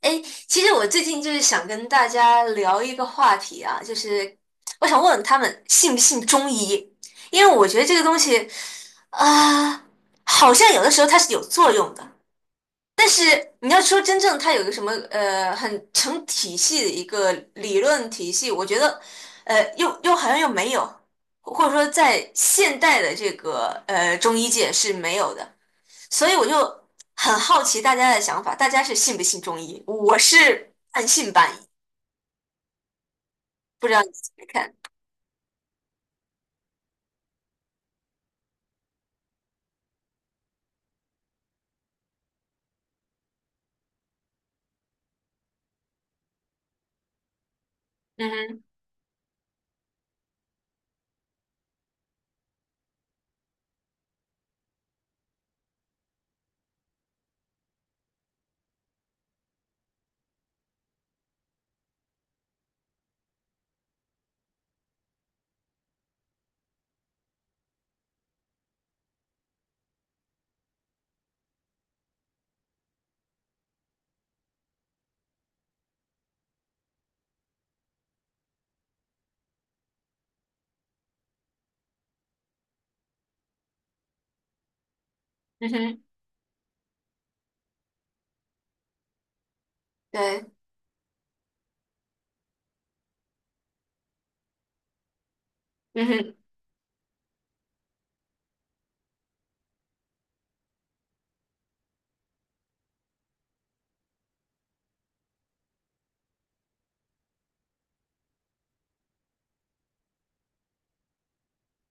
哎，其实我最近就是想跟大家聊一个话题啊，就是我想问问他们信不信中医，因为我觉得这个东西啊、好像有的时候它是有作用的。你要说真正它有个什么呃很成体系的一个理论体系，我觉得呃又又好像又没有，或者说在现代的这个呃中医界是没有的。所以我就很好奇大家的想法，大家是信不信中医？我是半信半疑，不知道你怎么看？嗯哼，嗯哼，对，嗯哼，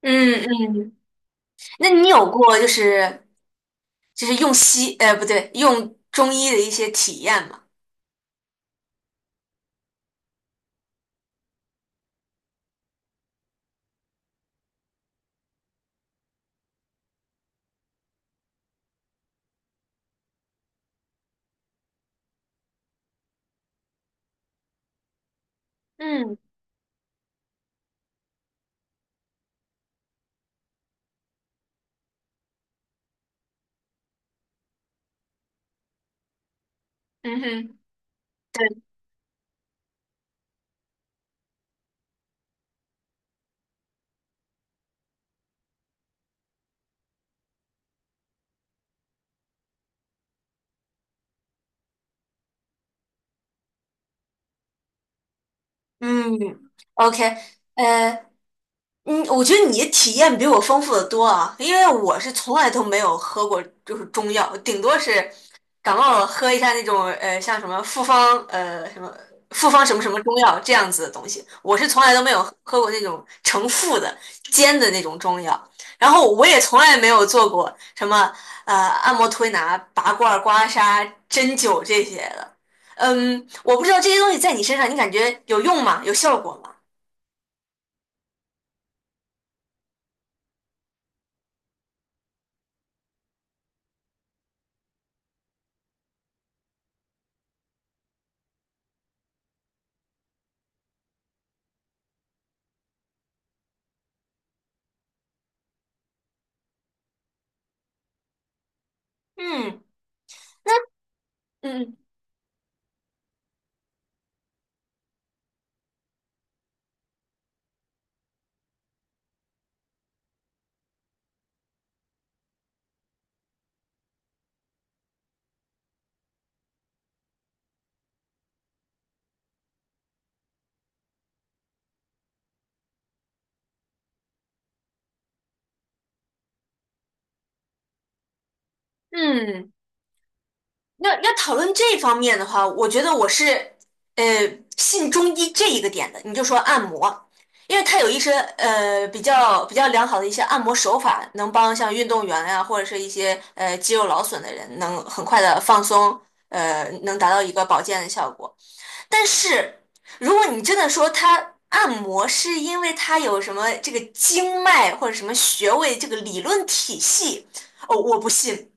嗯嗯。那你有过就是就是用西呃不对用中医的一些体验吗？嗯嗯哼，对，嗯，OK，呃，嗯，我觉得你的体验比我丰富的多啊，因为我是从来都没有喝过就是中药，顶多是感冒了喝一下那种呃像什么复方呃什么复方什么什么中药这样子的东西，我是从来都没有喝过那种成副的煎的那种中药，然后我也从来没有做过什么呃按摩推拿、拔罐、刮痧、针灸这些的，嗯，我不知道这些东西在你身上你感觉有用吗？有效果吗？嗯嗯嗯。要讨论这方面的话，我觉得我是呃信中医这一个点的。你就说按摩，因为它有一些呃比较良好的一些按摩手法，能帮像运动员呀、或者是一些呃肌肉劳损的人，能很快的放松，能达到一个保健的效果。但是如果你真的说它按摩是因为它有什么这个经脉或者什么穴位这个理论体系，哦，我不信。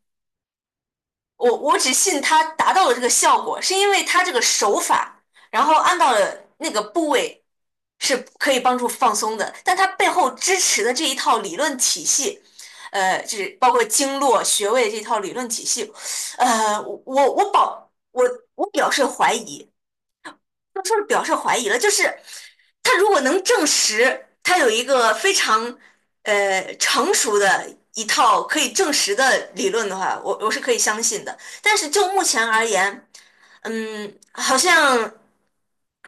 我只信它达到了这个效果，是因为它这个手法，然后按到了那个部位是可以帮助放松的，但它背后支持的这一套理论体系，就是包括经络穴位这套理论体系，呃，我我保我我表示怀疑，他说是表示怀疑了，就是他如果能证实他有一个非常呃成熟的一套可以证实的理论的话，我是可以相信的。但是就目前而言，嗯，好像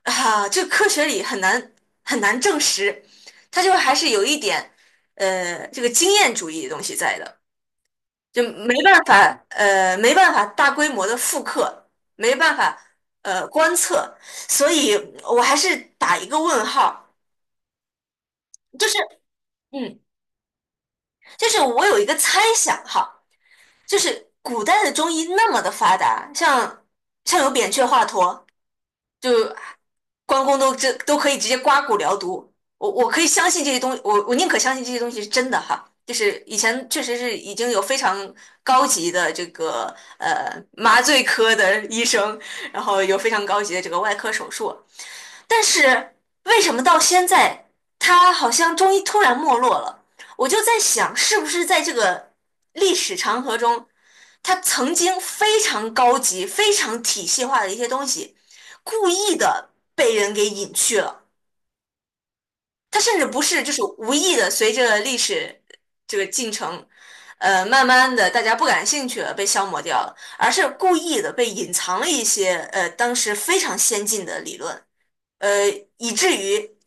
啊，这科学里很难证实，他就还是有一点呃这个经验主义的东西在的。就没办法，没办法大规模的复刻，没办法，观测，所以我还是打一个问号，就是，嗯，就是我有一个猜想哈，就是古代的中医那么的发达，像有扁鹊、华佗，就关公都这都可以直接刮骨疗毒，我可以相信这些东西，我宁可相信这些东西是真的哈。就是以前确实是已经有非常高级的这个呃麻醉科的医生，然后有非常高级的这个外科手术，但是为什么到现在他好像中医突然没落了？我就在想，是不是在这个历史长河中，他曾经非常高级、非常体系化的一些东西。故意的被人给隐去了。它甚至不是就是无意的，随着历史这个进程，慢慢的大家不感兴趣了，被消磨掉了，而是故意的被隐藏了一些呃当时非常先进的理论，呃，以至于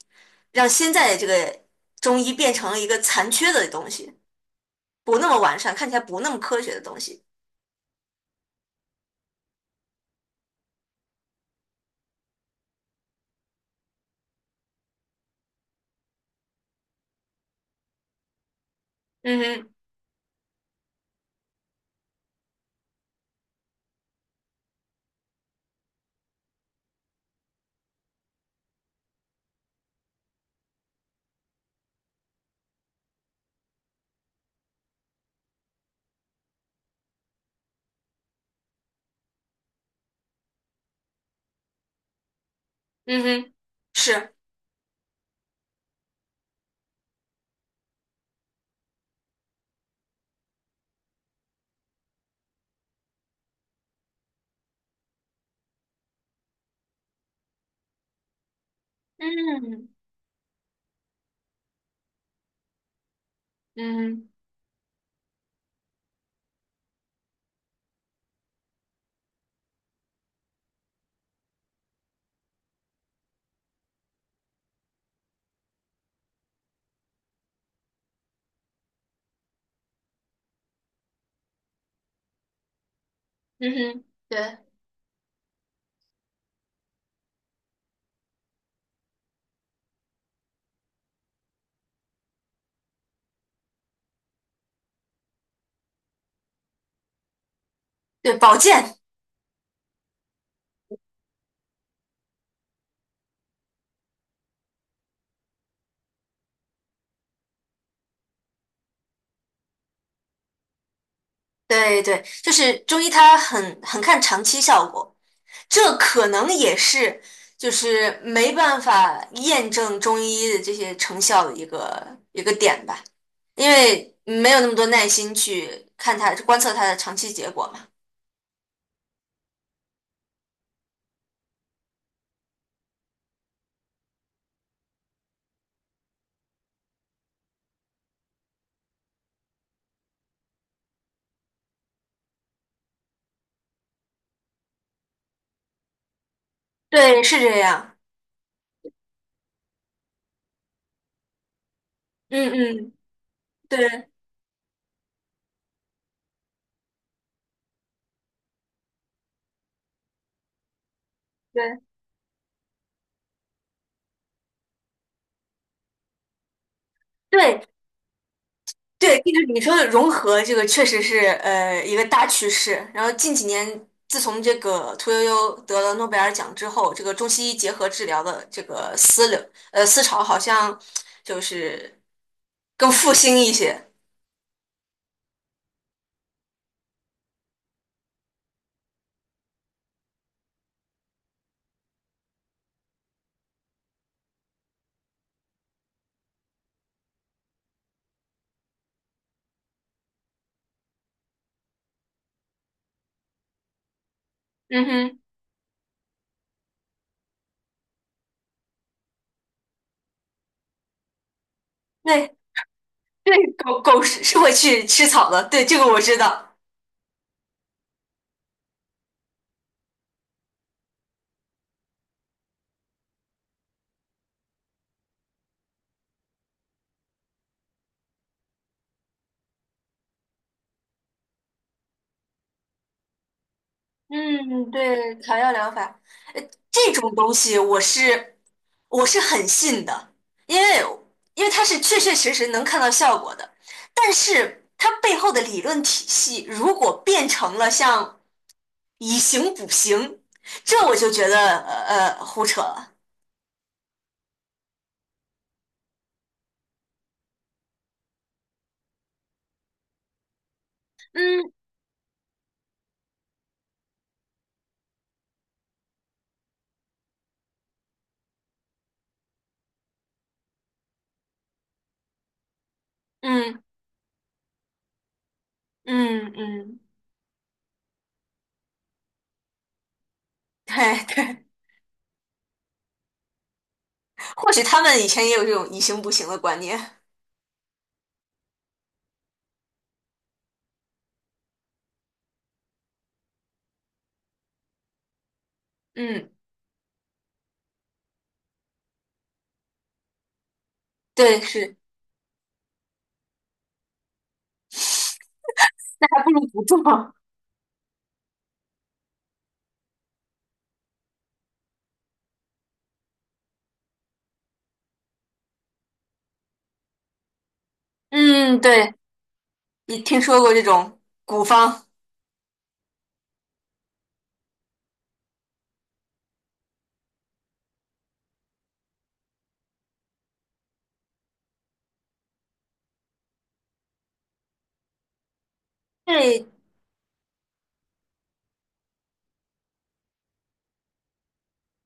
让现在的这个中医变成了一个残缺的东西，不那么完善，看起来不那么科学的东西。嗯哼，嗯哼，是，嗯嗯嗯哼，对对，保健。对对，就是中医它很看长期效果，这可能也是就是没办法验证中医的这些成效的一个一个点吧，因为没有那么多耐心去看它观测它的长期结果嘛。对，是这样。嗯嗯，对对。对，对，就是你说的融合，这个确实是呃一个大趋势。然后近几年，自从这个屠呦呦得了诺贝尔奖之后，这个中西医结合治疗的这个思潮好像就是更复兴一些。嗯哼，对对，狗狗是会去吃草的，对，这个我知道。嗯，对，草药疗法，呃，这种东西我是我很信的，因为因为它是确确实实能看到效果的。但是它背后的理论体系，如果变成了像以形补形，这我就觉得胡扯了。嗯嗯嗯嗯，对对，或许他们以前也有这种以形补形的观念。嗯，对，是，那还不如不做。嗯，对。你听说过这种古方？对，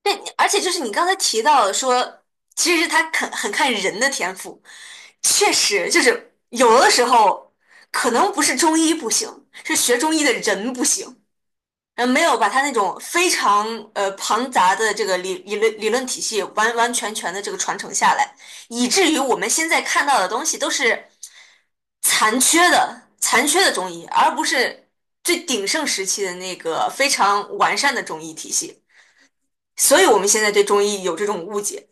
对，而且就是你刚才提到的说，其实他很看人的天赋，确实就是有的时候可能不是中医不行，是学中医的人不行。嗯，没有把他那种非常呃庞杂的这个理论体系完完全全的这个传承下来，以至于我们现在看到的东西都是残缺的中医，而不是最鼎盛时期的那个非常完善的中医体系。所以我们现在对中医有这种误解。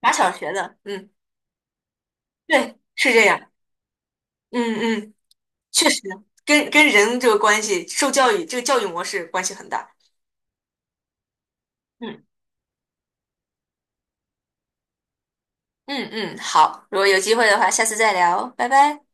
打小学的，嗯，对，是这样，嗯嗯，确实跟人这个关系、受教育这个教育模式关系很大。嗯。嗯嗯，好，如果有机会的话，下次再聊，拜拜。